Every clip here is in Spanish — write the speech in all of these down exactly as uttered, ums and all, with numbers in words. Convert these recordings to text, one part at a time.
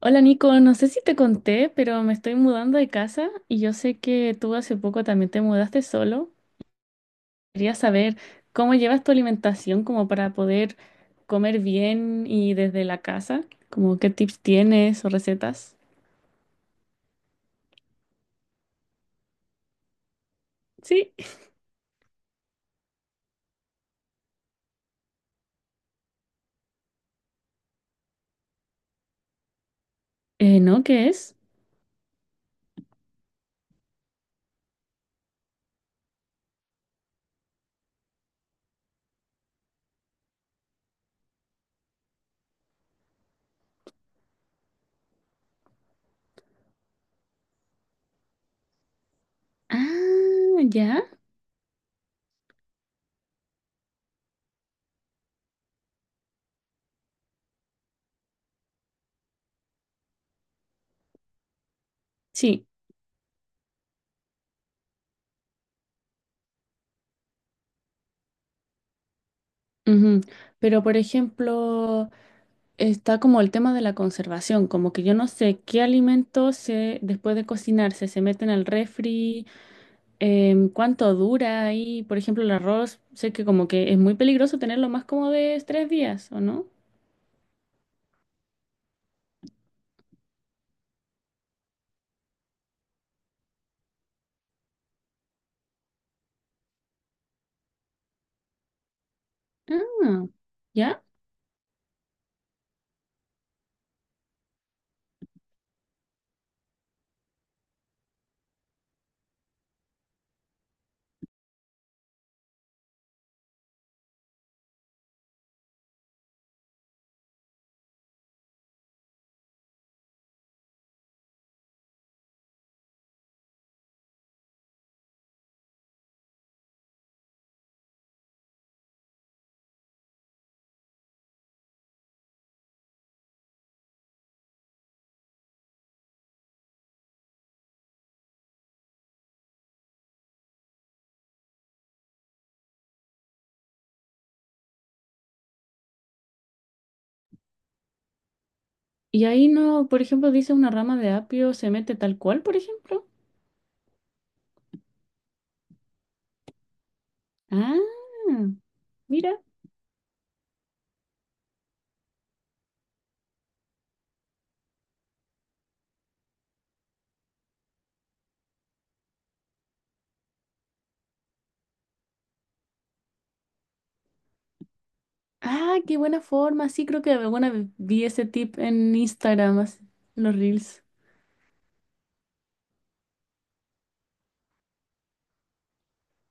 Hola Nico, no sé si te conté, pero me estoy mudando de casa y yo sé que tú hace poco también te mudaste solo. Quería saber cómo llevas tu alimentación como para poder comer bien y desde la casa, como qué tips tienes o recetas. Sí. Eh, ¿no? ¿Qué es? Ah, ya. Sí. Ujú. Pero por ejemplo, está como el tema de la conservación, como que yo no sé qué alimentos se, después de cocinarse se meten al refri. Em, ¿cuánto dura ahí? Por ejemplo, el arroz, sé que como que es muy peligroso tenerlo más como de tres días, ¿o no? Ah, ¿ya? Y ahí no, por ejemplo, dice una rama de apio se mete tal cual, por ejemplo. Ah, mira. Ah, qué buena forma. Sí, creo que alguna vez vi ese tip en Instagram, así, en los Reels.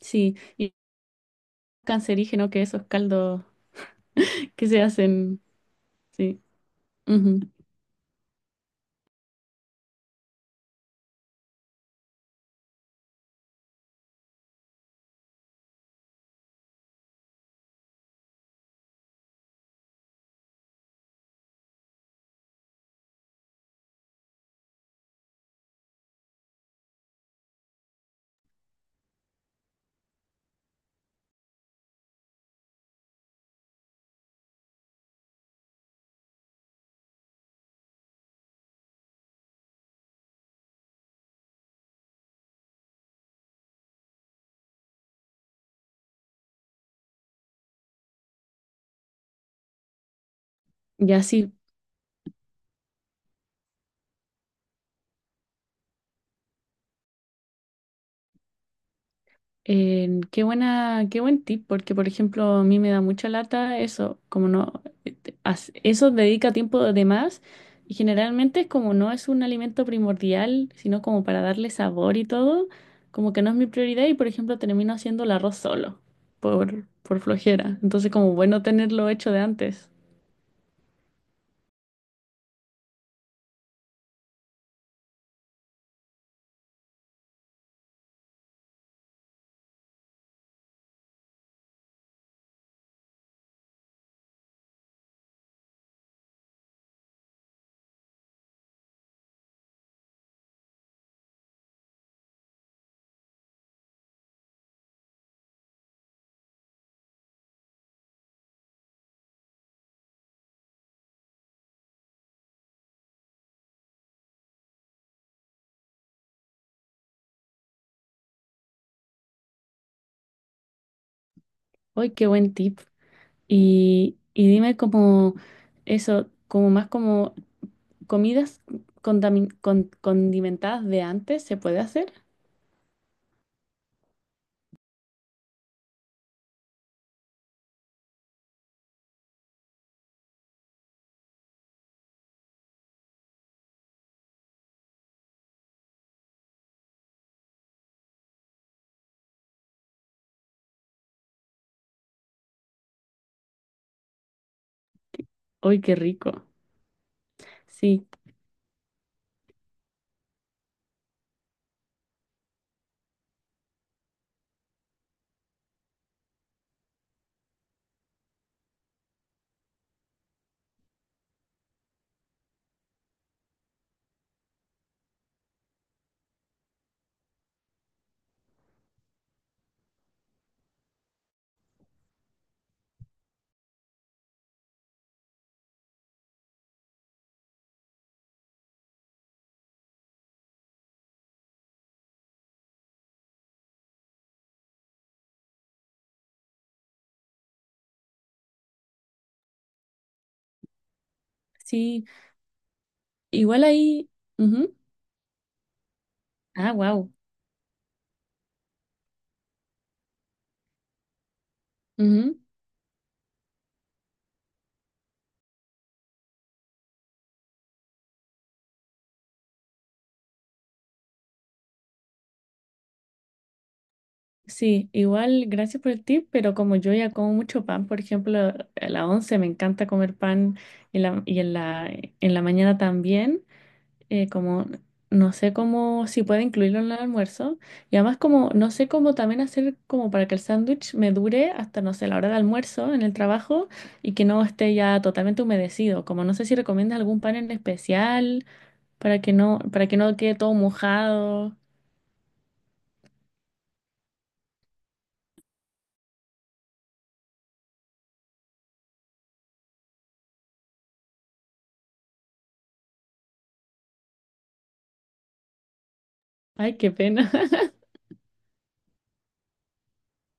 Sí, y cancerígeno que esos caldos que se hacen. Sí. Ujú. Ya, sí. Eh, qué buena, qué buen tip, porque por ejemplo a mí me da mucha lata eso, como no, eh, te- as- eso dedica tiempo de más y generalmente es como no es un alimento primordial, sino como para darle sabor y todo, como que no es mi prioridad y por ejemplo termino haciendo el arroz solo por, por flojera, entonces como bueno tenerlo hecho de antes. Hoy qué buen tip. Y, y dime como eso, como más como comidas contamin- con- condimentadas de antes, ¿se puede hacer? Uy, qué rico. Sí, sí. Igual ahí. Ujú. Ah, wow. Sí, igual gracias por el tip, pero como yo ya como mucho pan, por ejemplo, a la once me encanta comer pan y, la, y en la, en la mañana también, eh, como no sé cómo, si puedo incluirlo en el almuerzo, y además como no sé cómo también hacer como para que el sándwich me dure hasta, no sé, la hora de almuerzo en el trabajo y que no esté ya totalmente humedecido, como no sé si recomiendas algún pan en especial para que no, para que no quede todo mojado. Ay, qué pena.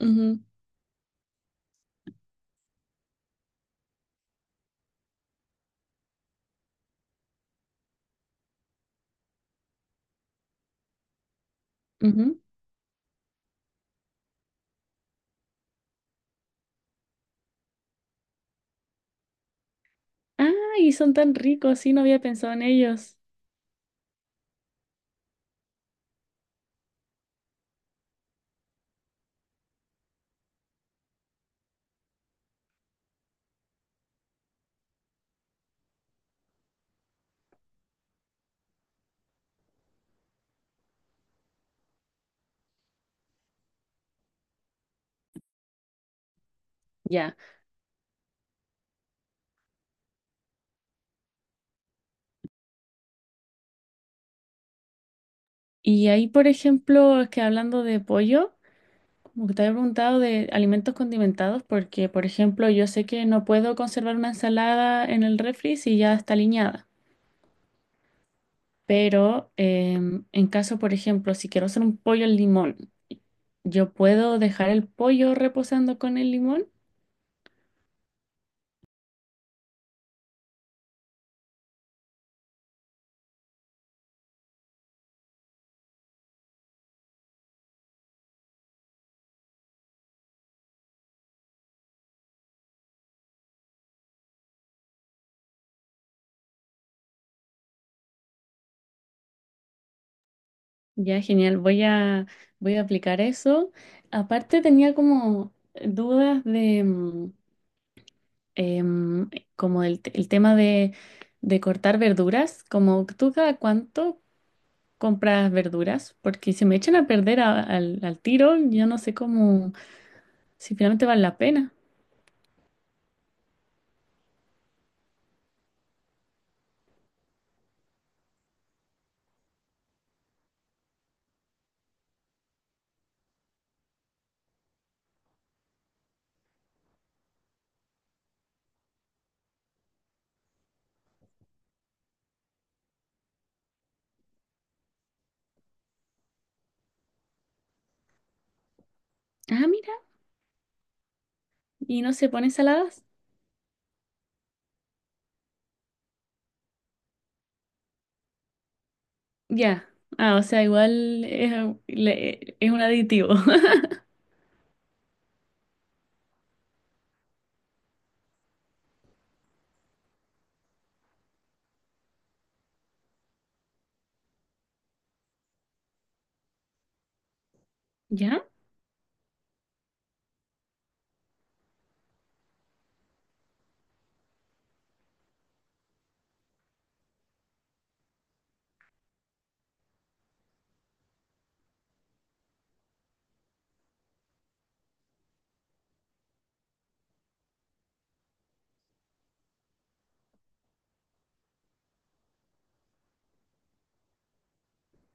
Ujú, ujú. Ah, y son tan ricos, sí, no había pensado en ellos. Ya. Y ahí, por ejemplo, es que hablando de pollo, como que te había preguntado de alimentos condimentados, porque, por ejemplo, yo sé que no puedo conservar una ensalada en el refri si ya está aliñada. Pero em, en caso, por ejemplo, si quiero hacer un pollo al limón, ¿yo puedo dejar el pollo reposando con el limón? Ya, genial. Voy a, voy a aplicar eso. Aparte tenía como dudas de mm, em, como el, te- el tema de, de cortar verduras. Como tú cada cuánto compras verduras, porque se me echan a perder a- al, al tiro, yo no sé cómo, si finalmente vale la pena. Ah, mira. ¿Y no se pone saladas? Ya. Ah, o sea, igual es, le- es un aditivo. ¿Ya?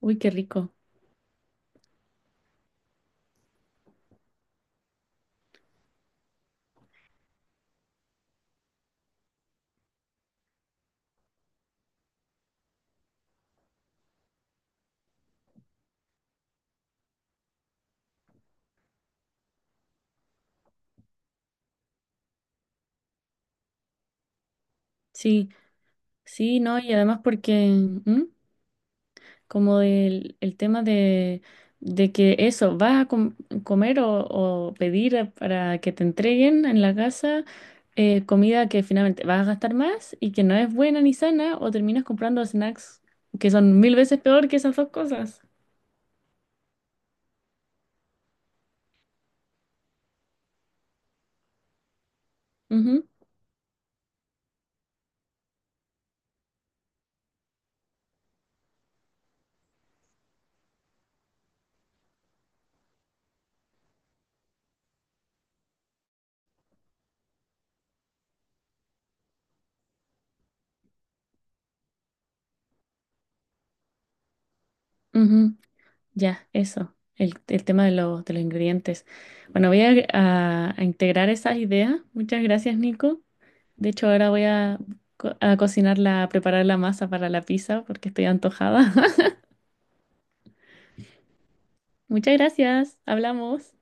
Uy, qué rico. Sí, sí, no, y además porque... ¿Mm? Como el, el tema de, de que eso, vas a com- comer o, o pedir a- para que te entreguen en la casa eh, comida que finalmente vas a gastar más y que no es buena ni sana, o terminas comprando snacks que son mil veces peor que esas dos cosas. Ujú, ujú. Ya, eso, el, el tema de, los de los ingredientes. Bueno, voy a, a a integrar esas ideas. Muchas gracias, Nico. De hecho, ahora voy a, co- a cocinar la, a preparar la masa para la pizza porque estoy antojada. Muchas gracias. Hablamos.